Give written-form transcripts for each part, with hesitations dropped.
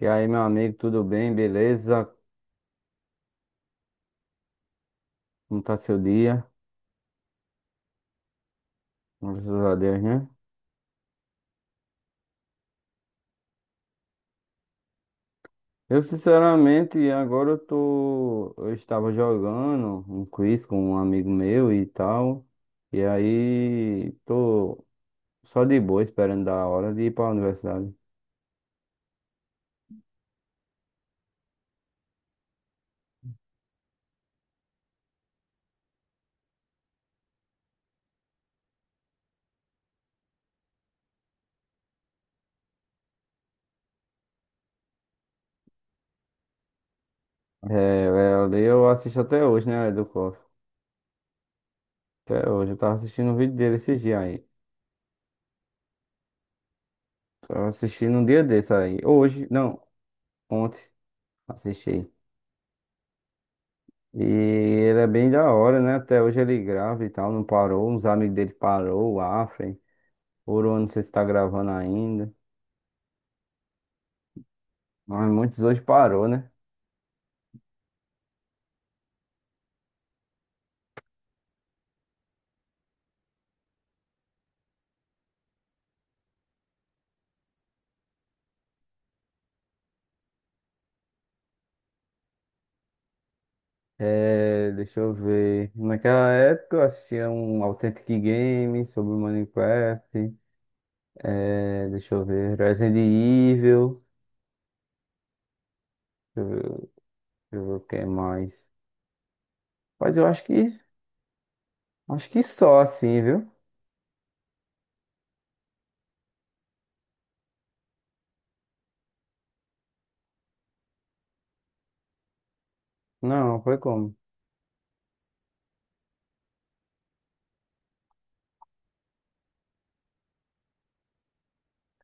E aí, meu amigo, tudo bem? Beleza? Como tá seu dia? Graças a Deus, né? Eu, sinceramente, agora eu tô. Eu estava jogando um quiz com um amigo meu e tal. E aí, tô só de boa, esperando dar a hora de ir pra universidade. É, é, ali eu assisto até hoje, né? Do Coffee. Até hoje. Eu tava assistindo um vídeo dele esses dias aí. Tava assistindo um dia desse aí. Hoje, não, ontem. Assisti. E ele é bem da hora, né? Até hoje ele grava e tal, não parou. Uns amigos dele parou, o Afren. Ouro, não sei se tá gravando ainda. Mas muitos hoje parou, né? É, deixa eu ver. Naquela época eu assistia um Authentic Game sobre o Minecraft. É, deixa eu ver. Resident Evil. Deixa eu ver, deixa eu ver o que mais. Mas eu acho que só assim, viu? Não, foi como?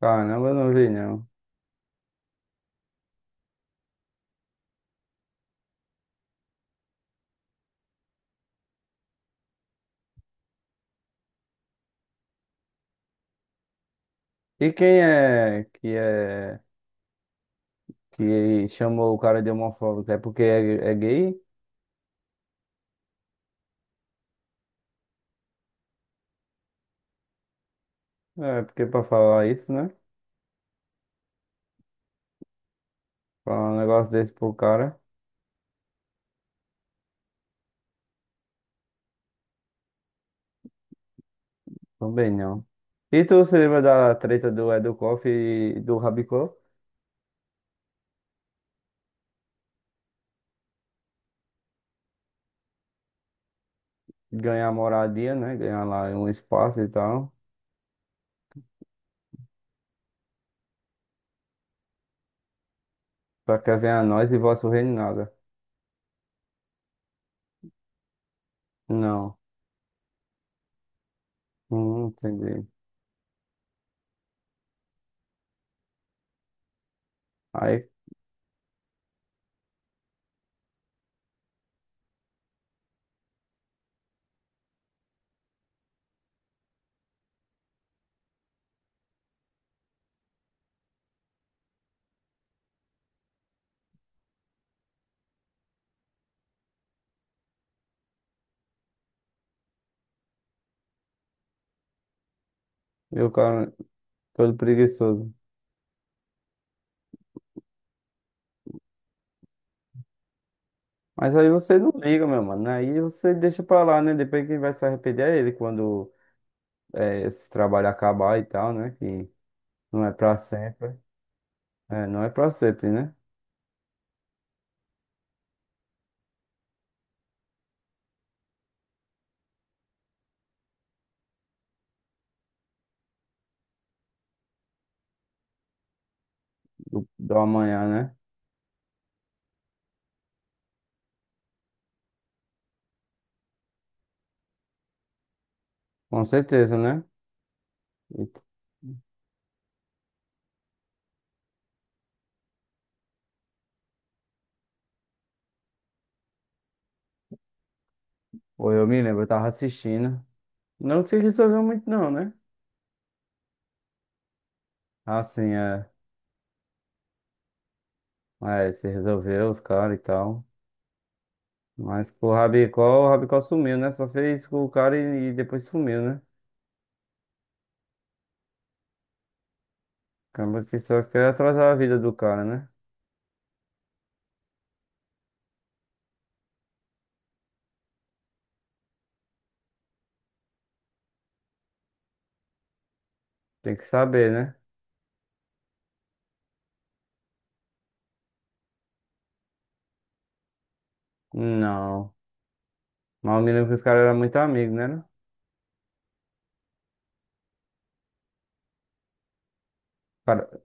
Caramba, eu não vi não. E quem é que chamou o cara de homofóbico. É porque é gay? É porque pra falar isso, né? Falar um negócio desse pro cara, também não. E tu se lembra da treta do Educoff e do Rabicó? Ganhar moradia, né? Ganhar lá um espaço e tal. Pra que venha nós e vosso reino nada. Não, não entendi. Aí eu, cara, todo preguiçoso. Mas aí você não liga, meu mano, né? Aí você deixa pra lá, né? Depois quem vai se arrepender é ele quando esse trabalho acabar e tal, né? Que não é pra sempre. É, não é pra sempre, né? Do amanhã, né? Com certeza, né? E- Pô, eu me lembro, eu tava assistindo. Não se resolveu muito, não, né? Assim, é. É, se resolveu os caras e tal. Mas com o Rabicó sumiu, né? Só fez com o cara e depois sumiu, né? Acaba que só quer atrasar a vida do cara, né? Tem que saber, né? Não. Mas eu me lembro que os caras eram muito amigos, né? Não? Caras cara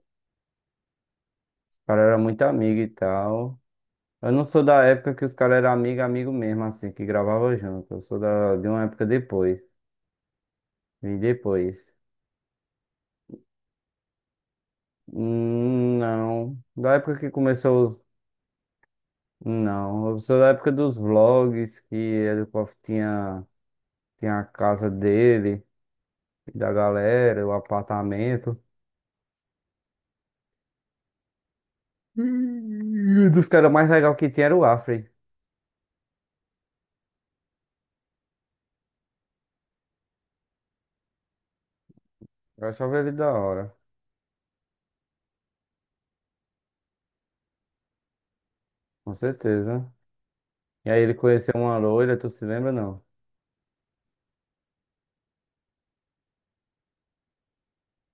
os cara eram muito amigos e tal. Eu não sou da época que os caras eram amigo, amigo mesmo, assim, que gravava junto. Eu sou de uma época depois. Vim depois. Não. Da época que começou. Não. Eu sou da época dos vlogs, que ele tinha a casa dele, da galera, o apartamento. E dos caras mais legal que tinha era o Afri. Eu achava ele da hora, com certeza. E aí ele conheceu uma loira, tu se lembra, não?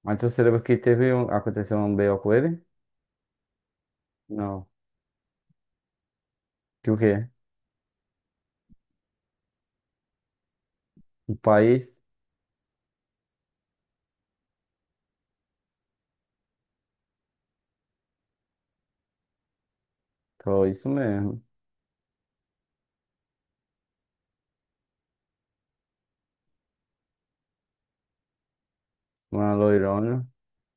Mas tu se lembra que teve um, aconteceu um BO com ele? Não. Que o quê? O país? Foi isso mesmo. Uma loirona.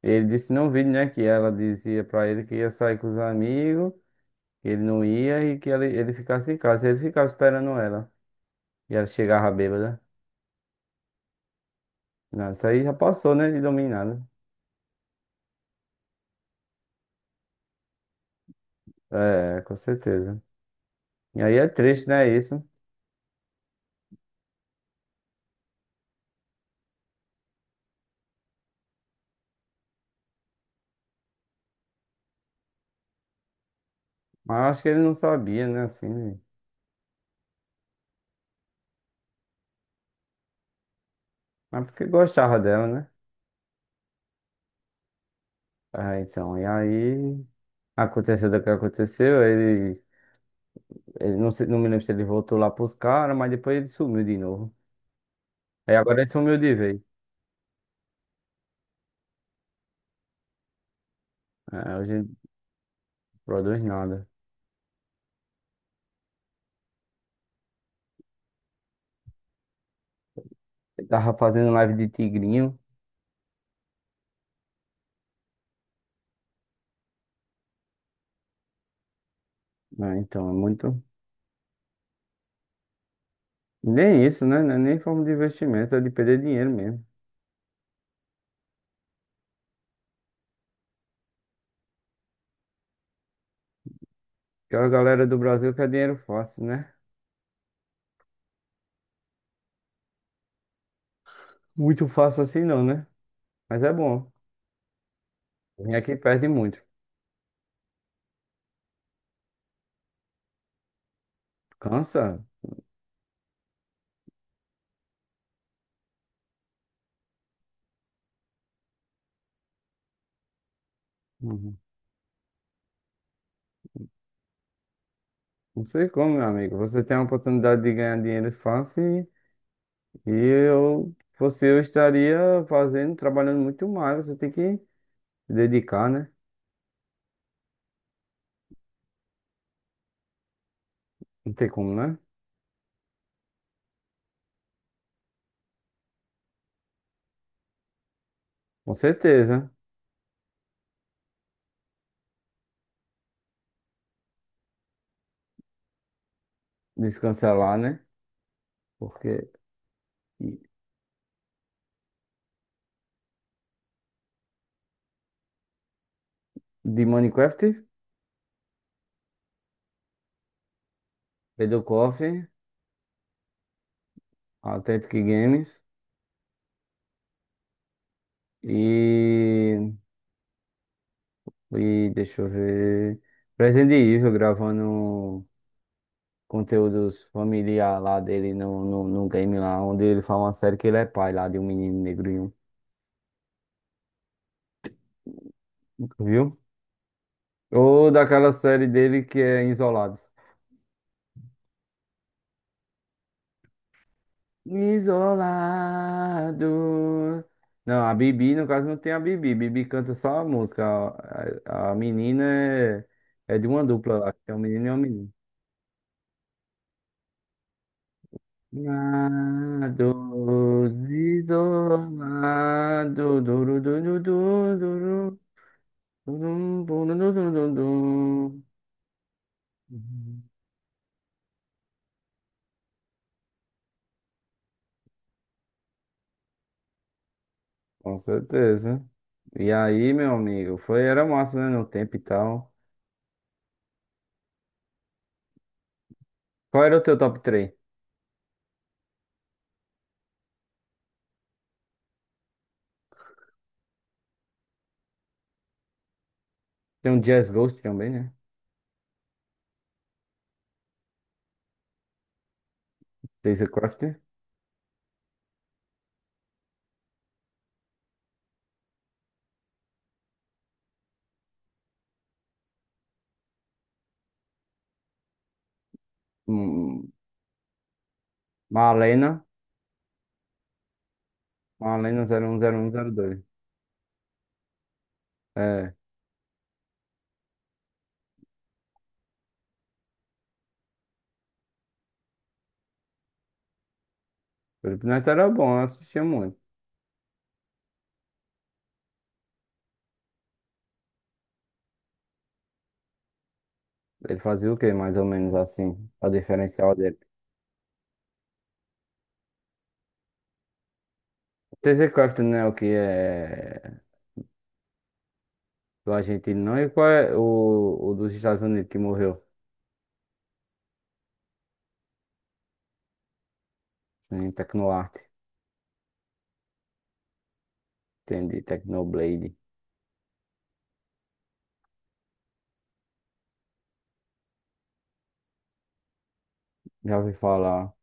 Ele disse no vídeo, né, que ela dizia pra ele que ia sair com os amigos, que ele não ia e que ele ficasse em casa. Ele ficava esperando ela. E ela chegava bêbada. Não, isso aí já passou, né, de dominada. É, com certeza. E aí é triste, né, isso. Mas eu acho que ele não sabia, né, assim, né? Mas porque gostava dela, né? Ah, então, e aí aconteceu o que aconteceu, ele. Não, não me lembro se ele voltou lá pros caras, mas depois ele sumiu de novo. Aí agora ele sumiu de vez. É, hoje ele não produz nada. Ele tava fazendo live de tigrinho. Ah, então é muito. Nem isso, né? Não é nem forma de investimento, é de perder dinheiro mesmo. Porque a galera do Brasil quer dinheiro fácil, né? Muito fácil assim não, né? Mas é bom. Vem aqui e perde muito. Cansa. Uhum. Não sei como, meu amigo. Você tem a oportunidade de ganhar dinheiro fácil e eu, você, eu estaria fazendo, trabalhando muito mais. Você tem que se dedicar, né? Não tem como, né? Com certeza. Descancelar, né? Porque de Minecraft, Pedro Coffee, Authentic Games e, e deixa eu ver. Resident Evil gravando conteúdos familiar lá dele no game lá, onde ele fala uma série que ele é pai lá de um menino negrinho, viu? Ou daquela série dele que é Isolados. Isolado. Não, a Bibi, no caso, não tem a Bibi. Bibi canta só a música. A menina é, é de uma dupla, acho que é um menino e uma menina. Isolados, isolado. Duru, duru, duru, duru, duru, duru, duru, duru, duru. Uhum. Com certeza. E aí, meu amigo, foi, era massa, né, no tempo e tal. Qual era o teu top três? Tem um Jazz Ghost também, né? Jason Craft. Hum, Malena, Malena 010102. É, Felipe Neto era bom, eu assistia muito. Ele fazia o quê, mais ou menos assim, a diferencial dele? TC Crafton, né, o que é do argentino, não? E qual é o dos Estados Unidos que morreu? Assim, em Tecnoarte, entendi, Tecnoblade. Já ouvi falar,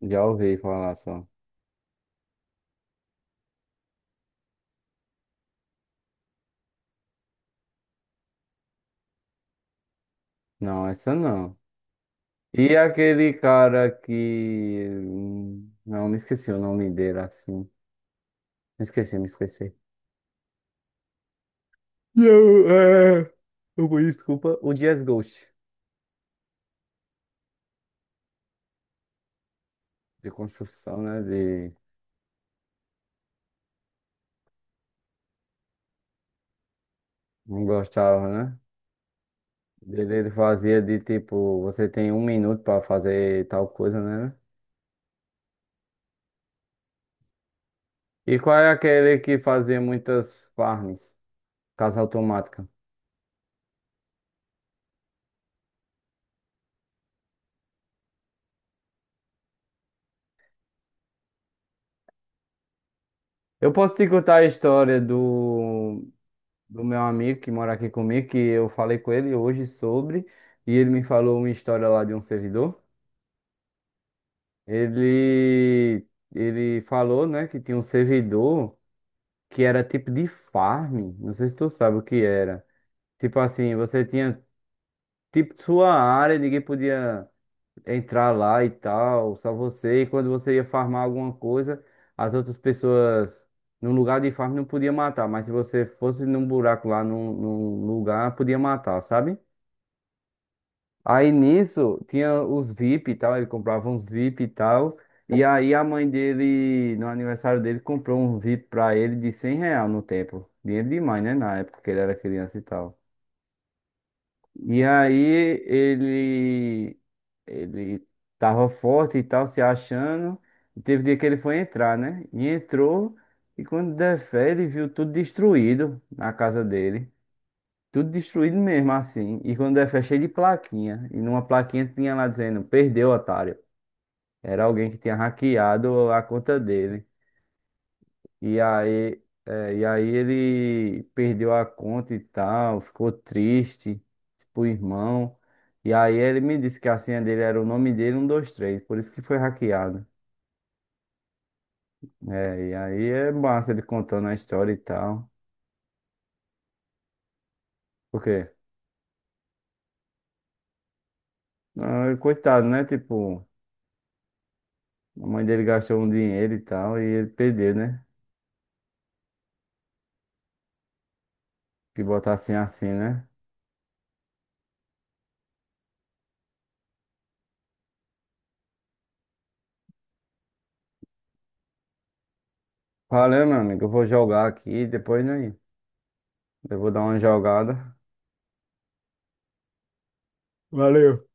já ouvi falar só. Não, essa não. E aquele cara que, não, me esqueci o nome dele, assim. Me esqueci, me esqueci. Não, é. Desculpa, o Dias Ghost, de construção, né? De. Não gostava, né? Ele fazia de tipo, você tem um minuto pra fazer tal coisa, né? E qual é aquele que fazia muitas farms? Casa automática. Eu posso te contar a história do meu amigo que mora aqui comigo, que eu falei com ele hoje sobre, e ele me falou uma história lá de um servidor. Ele, ele falou, né, que tinha um servidor, que era tipo de farm. Não sei se tu sabe o que era. Tipo assim, você tinha tipo sua área, ninguém podia entrar lá e tal, só você. E quando você ia farmar alguma coisa, as outras pessoas no lugar de farm não podia matar, mas se você fosse num buraco lá, num lugar, podia matar, sabe? Aí nisso tinha os VIP e tal, ele comprava uns VIP e tal. E aí a mãe dele, no aniversário dele, comprou um VIP pra ele de 100 real no tempo. Dinheiro demais, né? Na época que ele era criança e tal. E aí ele, ele tava forte e tal, se achando. E teve dia que ele foi entrar, né? E entrou, e quando der fé, ele viu tudo destruído na casa dele. Tudo destruído mesmo, assim. E quando é cheio de plaquinha. E numa plaquinha tinha lá dizendo, perdeu, otário. Era alguém que tinha hackeado a conta dele. E aí, é, e aí ele perdeu a conta e tal, ficou triste pro irmão. E aí ele me disse que a senha dele era o nome dele, 123 por isso que foi hackeado. É, e aí é massa ele contando a história e tal. Por quê? Ah, coitado, né? Tipo, a mãe dele gastou um dinheiro e tal, e ele perdeu, né? Que botar assim, assim, né? Valeu, meu amigo. Eu vou jogar aqui. Depois, né? Eu vou dar uma jogada. Valeu.